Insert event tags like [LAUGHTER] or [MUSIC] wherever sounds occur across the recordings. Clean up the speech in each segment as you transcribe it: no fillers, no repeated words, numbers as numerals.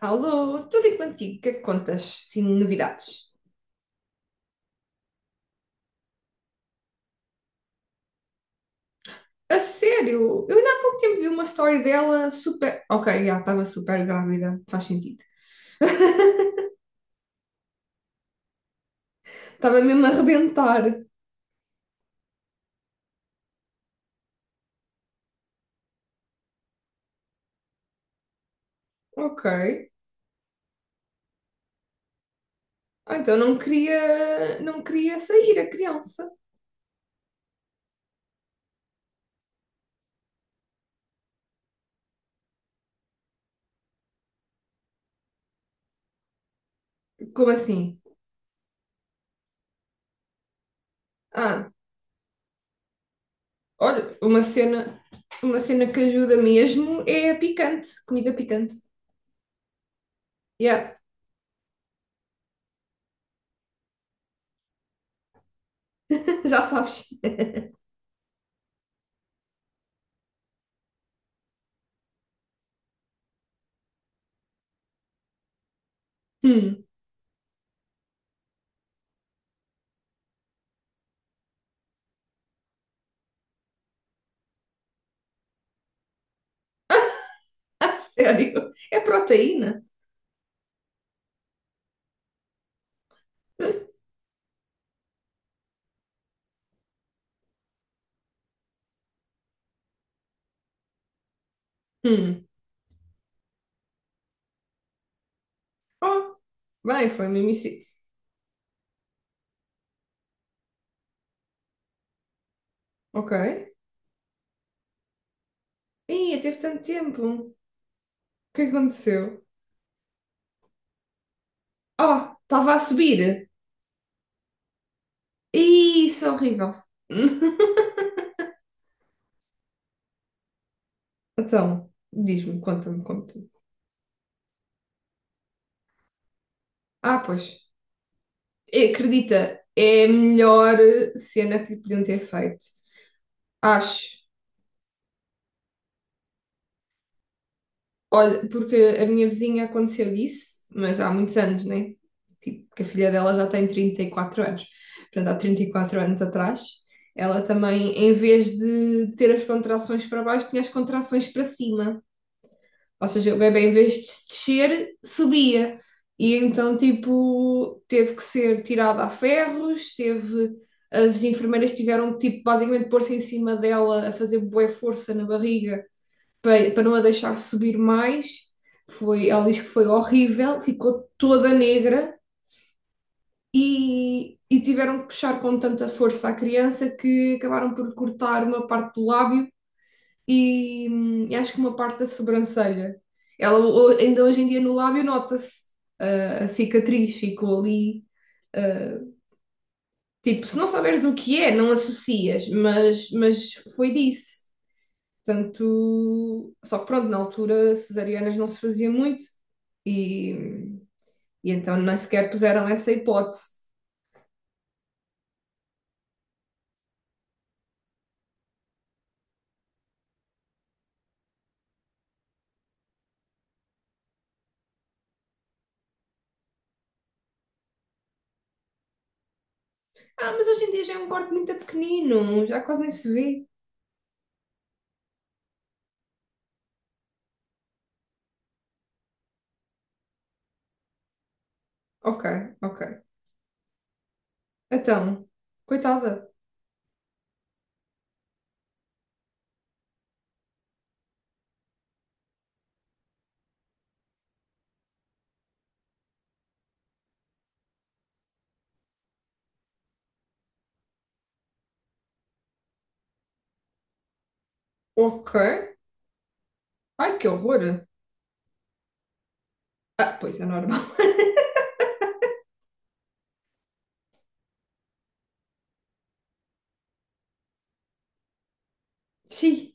Alô, tudo e contigo, o que é que contas? Sim, novidades. A sério, eu ainda há pouco tempo vi uma história dela super. Ok, já estava super grávida, faz sentido. [LAUGHS] Estava mesmo a arrebentar. Ok. Ah, então não queria sair a criança. Como assim? Ah, olha, uma cena que ajuda mesmo é a picante, comida picante. Yeah, [LAUGHS] já sabes. Hum, [LAUGHS] a sério, é proteína. Hum. Oh, bem, foi mesmo isso. Ok. Ih, teve tanto tempo. O que aconteceu? Oh, estava a subir. Ih, isso é horrível. [LAUGHS] Então, diz-me, conta-me. Ah, pois. Acredita, é a melhor cena que lhe podiam ter feito. Acho. Olha, porque a minha vizinha aconteceu isso, mas há muitos anos, né? Tipo, que a filha dela já tem 34 anos. Portanto, há 34 anos atrás, ela também, em vez de ter as contrações para baixo, tinha as contrações para cima. Ou seja, o bebê, em vez de se descer, subia. E então, tipo, teve que ser tirada a ferros, teve. As enfermeiras tiveram que, tipo, basicamente pôr-se em cima dela a fazer bué força na barriga para não a deixar subir mais. Foi, ela diz que foi horrível, ficou toda negra e tiveram que puxar com tanta força a criança que acabaram por cortar uma parte do lábio e acho que uma parte da sobrancelha. Ela ainda hoje em dia no lábio nota-se a cicatriz, ficou ali. ah, tipo, se não saberes o que é, não associas, mas foi disso. Portanto, só que pronto, na altura cesarianas não se fazia muito e, e então nem sequer puseram essa hipótese. Ah, mas hoje em dia já é um corte muito pequenino, já quase nem se vê. Ok, ok. Então, coitada. Ok. Ai, que horror. Ah, pois é normal. [LAUGHS] Sim,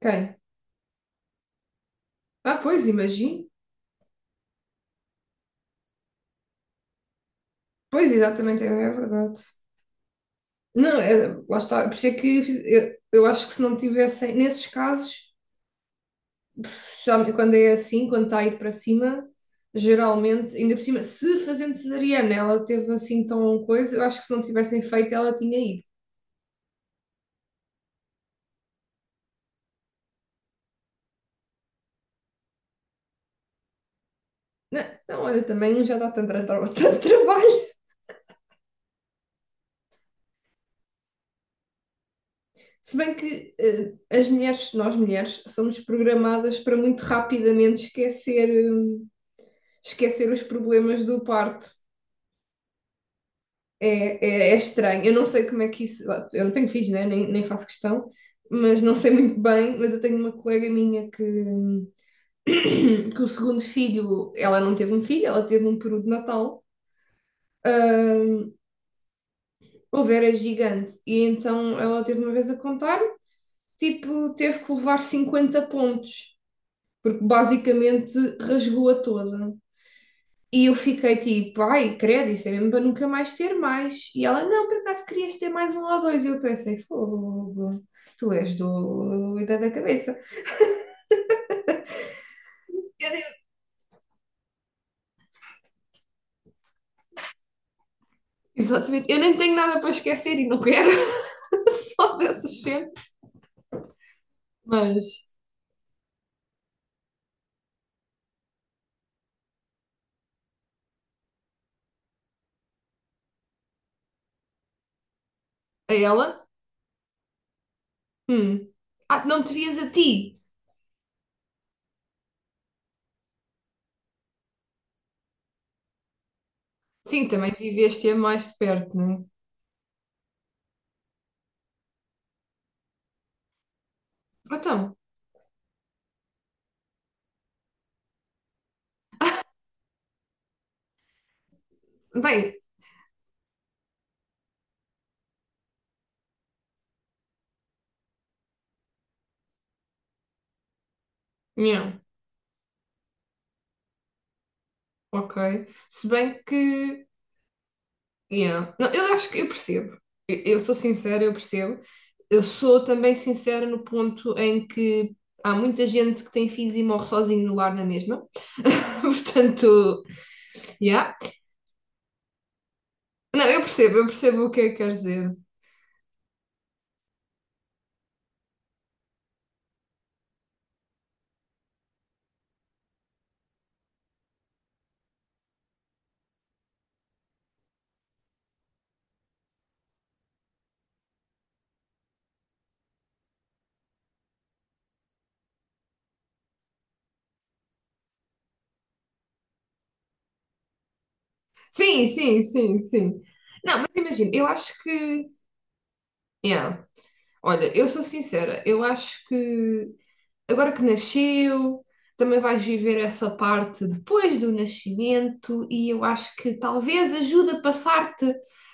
quem? Ah, pois, imagino. Pois, exatamente, é é verdade. Não, é, lá está. Por isso é que eu acho que se não tivessem, nesses casos, sabe, quando é assim, quando está a ir para cima, geralmente, ainda por cima, se fazendo cesariana ela teve assim tão coisa, eu acho que se não tivessem feito ela tinha ido. Não, não, olha, também um já dá tanto, [LAUGHS] tanto trabalho. Se bem que as mulheres, nós mulheres, somos programadas para muito rapidamente esquecer, esquecer os problemas do parto. É estranho. Eu não sei como é que isso. Eu não tenho filhos, né? Nem faço questão, mas não sei muito bem. Mas eu tenho uma colega minha que, [COUGHS] que o segundo filho, ela não teve um filho, ela teve um peru de Natal. Ahm, Houve é gigante. E então ela teve uma vez a contar, tipo, teve que levar 50 pontos, porque basicamente rasgou-a toda. E eu fiquei tipo, ai, credo, isso é mesmo para nunca mais ter mais. E ela, não, por acaso querias ter mais um ou dois. E eu pensei, fogo, tu és do da cabeça. Eu digo, exatamente, eu nem tenho nada para esquecer e não quero [LAUGHS] só dessas cenas. Mas a ela? Hum. Ah, não te vias a ti? Sim, também viveste-a mais de perto, não é? Então, bem, não, ok. Se bem que. Yeah. Não, eu acho que eu percebo. Eu sou sincera, eu percebo. Eu sou também sincera no ponto em que há muita gente que tem filhos e morre sozinho no lar na mesma. [LAUGHS] Portanto, yeah. Não, eu percebo o que é que queres dizer. Sim. Não, mas imagina, eu acho que. Yeah. Olha, eu sou sincera, eu acho que agora que nasceu, também vais viver essa parte depois do nascimento, e eu acho que talvez ajude a passar-te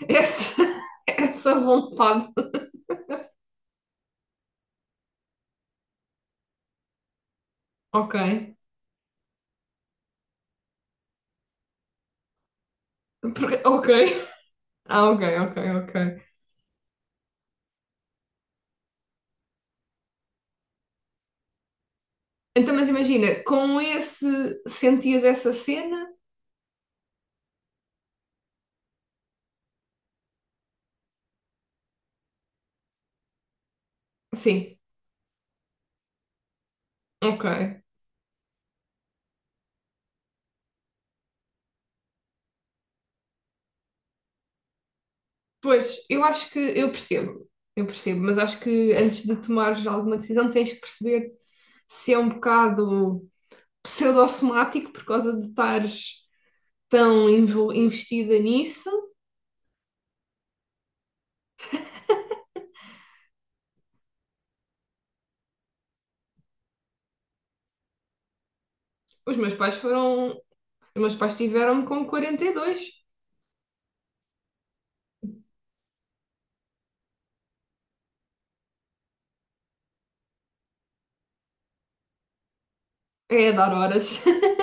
essa, [LAUGHS] essa vontade. Ok, ok, ah, ok, ok, ok. Então, mas imagina, com esse sentias essa cena? Sim, ok. Pois, eu acho que eu percebo, mas acho que antes de tomares alguma decisão tens que perceber se é um bocado, pseudo-somático por causa de estares tão investida nisso. Os meus pais foram. Os meus pais tiveram-me com 42. É dar horas. [LAUGHS]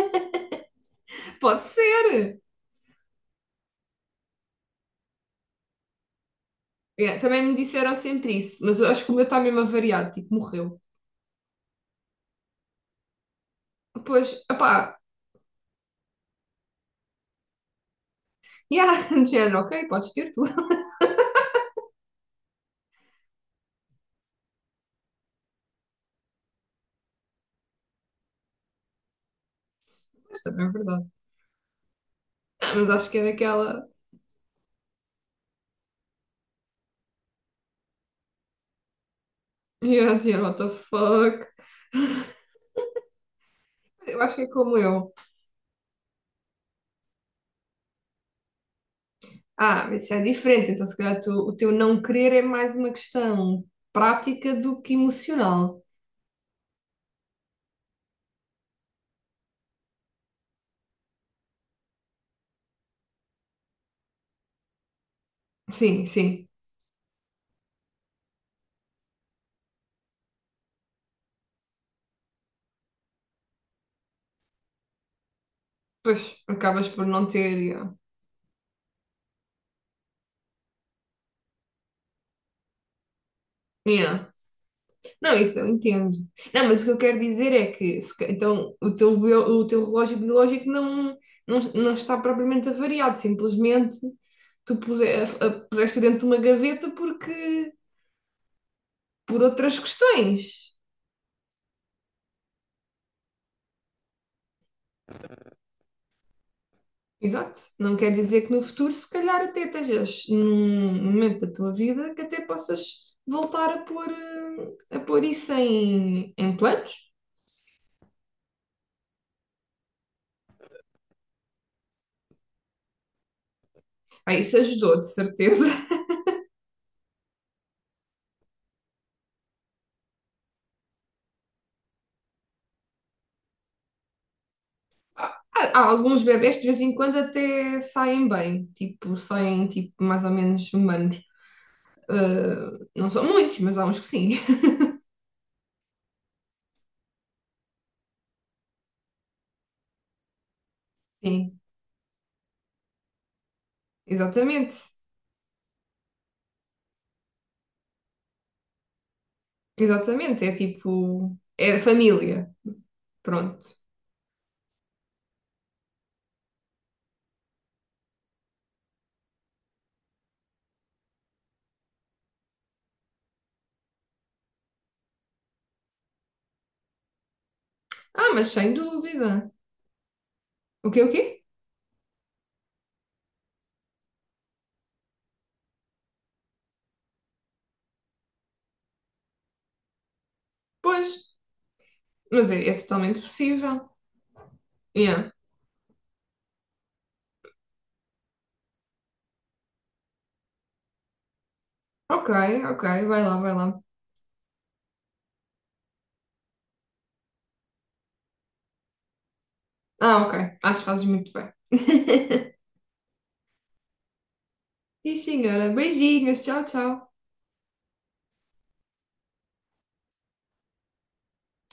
Pode ser. É, também me disseram sempre isso, mas eu acho que o meu está mesmo avariado, tipo, morreu. Pois, opá, yeah, [LAUGHS] de género, ok, podes ter tu. [LAUGHS] Mas também é verdade. Ah, mas acho que é daquela, yeah, de género, what the fuck. Eu acho que é como eu. Ah, isso é diferente. Então, se calhar, o teu não querer é mais uma questão prática do que emocional. Sim, sim. Pois acabas por não ter. Yeah. Yeah. Não, isso eu entendo. Não, mas o que eu quero dizer é que se ca- então, o teu relógio biológico não está propriamente avariado, simplesmente tu puse- a- puseste dentro de uma gaveta porque por outras questões. Exato. Não quer dizer que no futuro, se calhar, até estejas num momento da tua vida que até possas voltar a pôr, a pôr isso em planos. Ah, isso ajudou, de certeza. [LAUGHS] Há alguns bebés que de vez em quando até saem bem, tipo, saem tipo, mais ou menos humanos. Ah, não são muitos, mas há uns que sim. [LAUGHS] Sim, exatamente. Exatamente. É tipo, é família. Pronto. Ah, mas sem dúvida. O quê, o quê? Pois. Mas é totalmente possível. Yeah. Ok, ok, vai lá, vai lá. Ah, ok, acho que fazes muito bem. [LAUGHS] Sim, senhora. Beijinhos, tchau, tchau.